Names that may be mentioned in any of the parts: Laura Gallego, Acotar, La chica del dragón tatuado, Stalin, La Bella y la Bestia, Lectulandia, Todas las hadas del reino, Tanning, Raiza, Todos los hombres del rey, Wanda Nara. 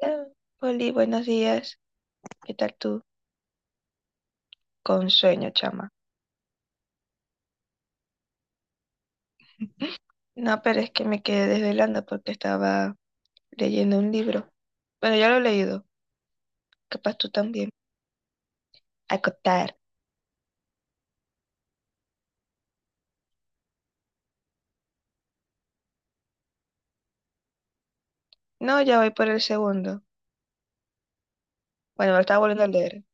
Eh, Oli, buenos días. ¿Qué tal tú? Con sueño, chama. No, pero es que me quedé desvelando porque estaba leyendo un libro. Bueno, ya lo he leído. Capaz tú también. Acotar. No, ya voy por el segundo. Bueno, lo estaba volviendo a leer.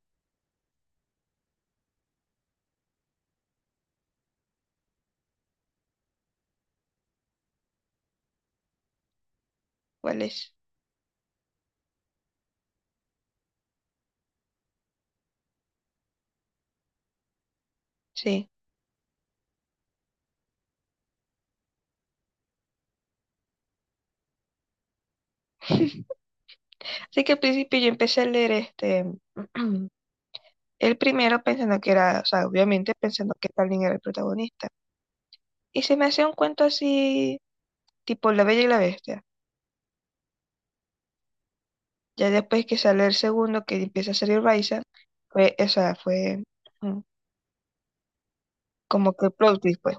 ¿Cuál es? Sí. Así que al principio yo empecé a leer este. El primero pensando que era, o sea, obviamente pensando que Stalin era el protagonista. Y se me hacía un cuento así, tipo La Bella y la Bestia. Ya después que sale el segundo, que empieza a salir Raiza, fue, o sea, fue mm, como que el plot twist, pues.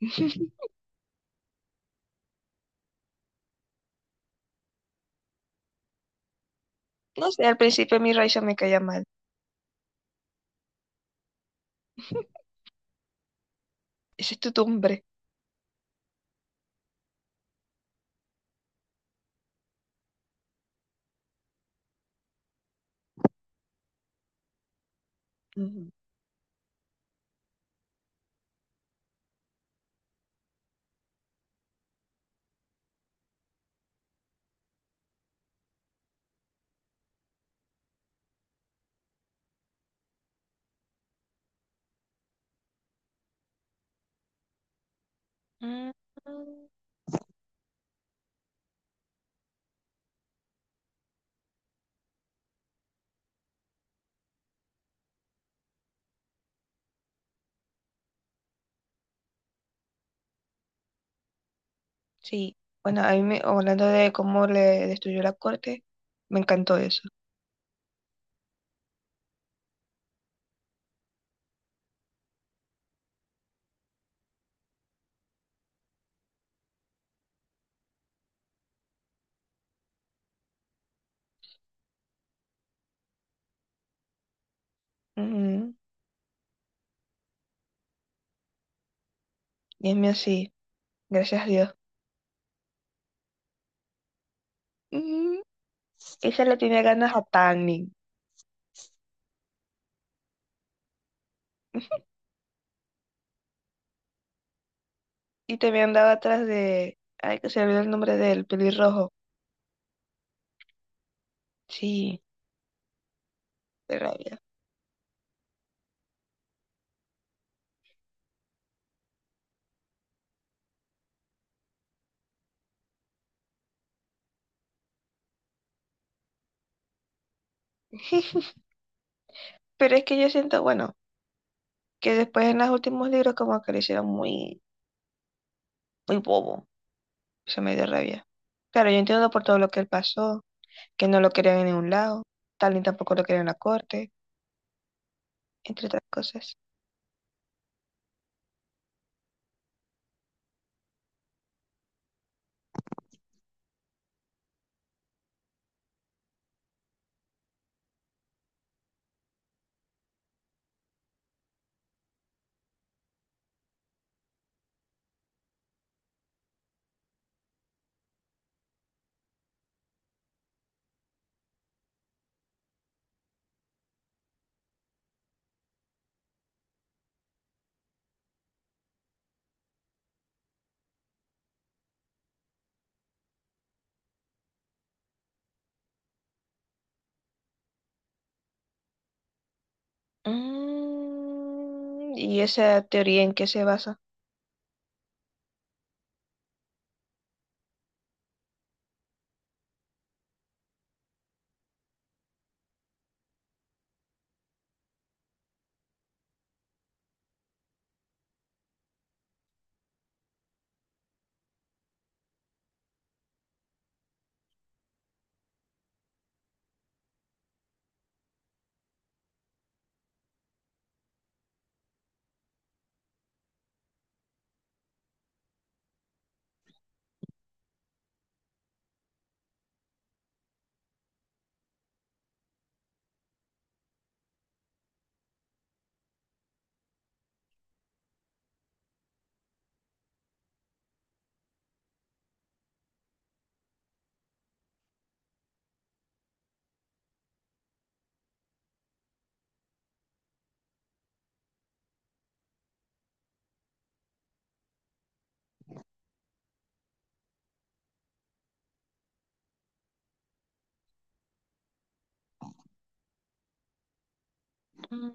No sé, al principio a mí Raiza me caía mal. Ese es tu tumbre. Ujú. Mm. Sí, bueno, a mí hablando de cómo le destruyó la corte, me encantó eso. Ujú. Y es mío así, gracias a Dios. Ujú. Esa le tenía ganas a Tanning. Y también andaba atrás de. Ay, que se me olvidó el nombre del pelirrojo. Sí, de rabia. Pero es que yo siento, bueno, que después en los últimos libros como que lo hicieron muy, muy bobo. Eso me dio rabia. Claro, yo entiendo por todo lo que él pasó, que no lo querían en ningún lado, tal ni tampoco lo querían en la corte, entre otras cosas. Y esa teoría, ¿en qué se basa? Mm,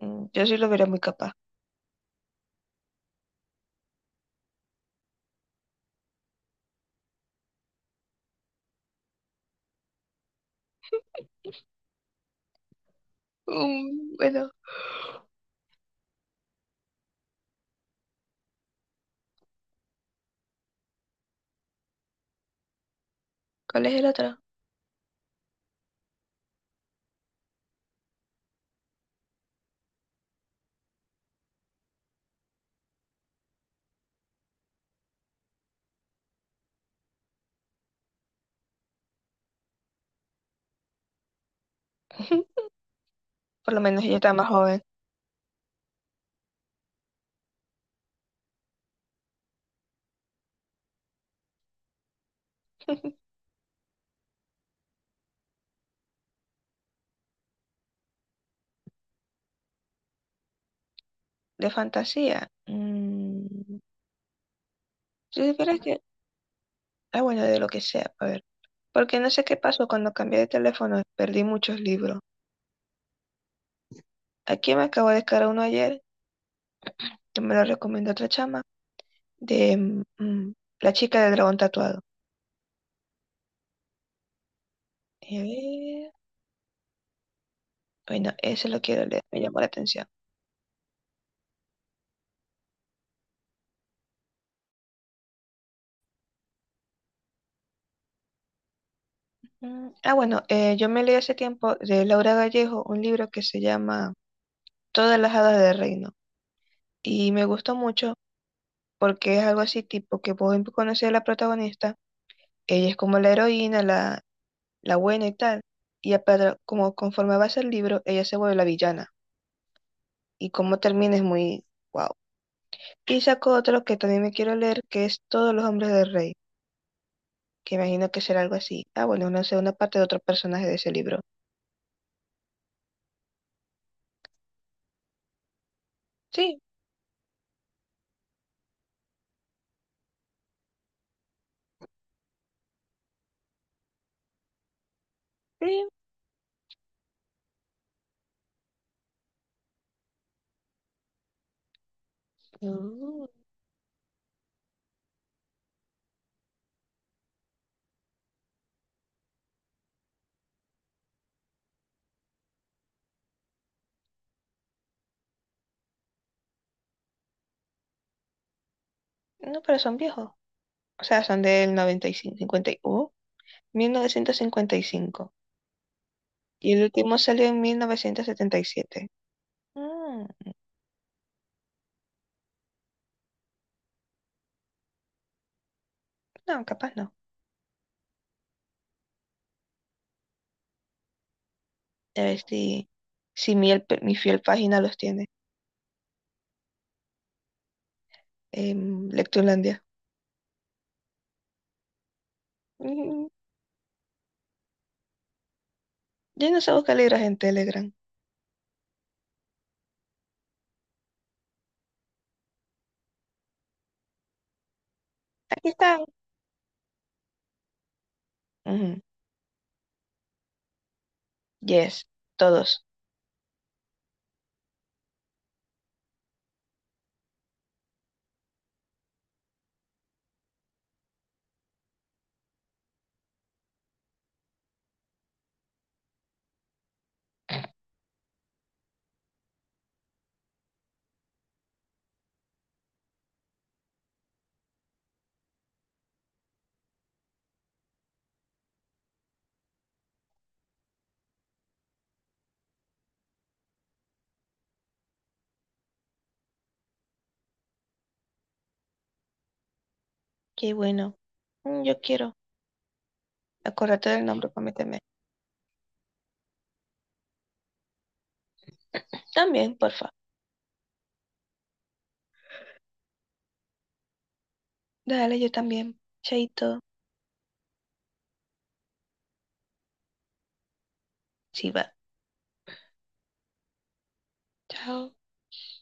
yo sí lo veré muy capaz. Bueno, ¿cuál es el otro? Por lo menos ella está más joven. De fantasía. Si supieras que. Ah, bueno, de lo que sea, a ver. Porque no sé qué pasó cuando cambié de teléfono, perdí muchos libros. Aquí me acabo de descargar uno ayer, que me lo recomendó otra chama, de mm, La chica del dragón tatuado. Eh, bueno, ese lo quiero leer, me llamó la atención. Ah, bueno, yo me leí hace tiempo de Laura Gallego un libro que se llama Todas las hadas del reino. Y me gustó mucho porque es algo así tipo que puedo conocer a la protagonista. Ella es como la heroína, la buena y tal. Y a para, como conforme avanza el libro, ella se vuelve la villana. Y cómo termina es muy wow. Y saco otro que también me quiero leer, que es Todos los hombres del rey, que imagino que será algo así. Ah, bueno, una segunda parte de otro personaje de ese libro. Sí, sí. Mm. No, pero son viejos. O sea, son del 95, 50, mil novecientos cincuenta y cinco. Y el último salió en 1977. Mm, no, capaz no. A ver si el mi fiel página los tiene. Lectulandia. Mm, yo no sé buscar libros en Telegram. Aquí están. Ujú. Yes, todos. Qué bueno. Yo quiero. Acuérdate del nombre, prométeme. También, porfa. Dale, yo también. Chaito. Sí, va. Chao.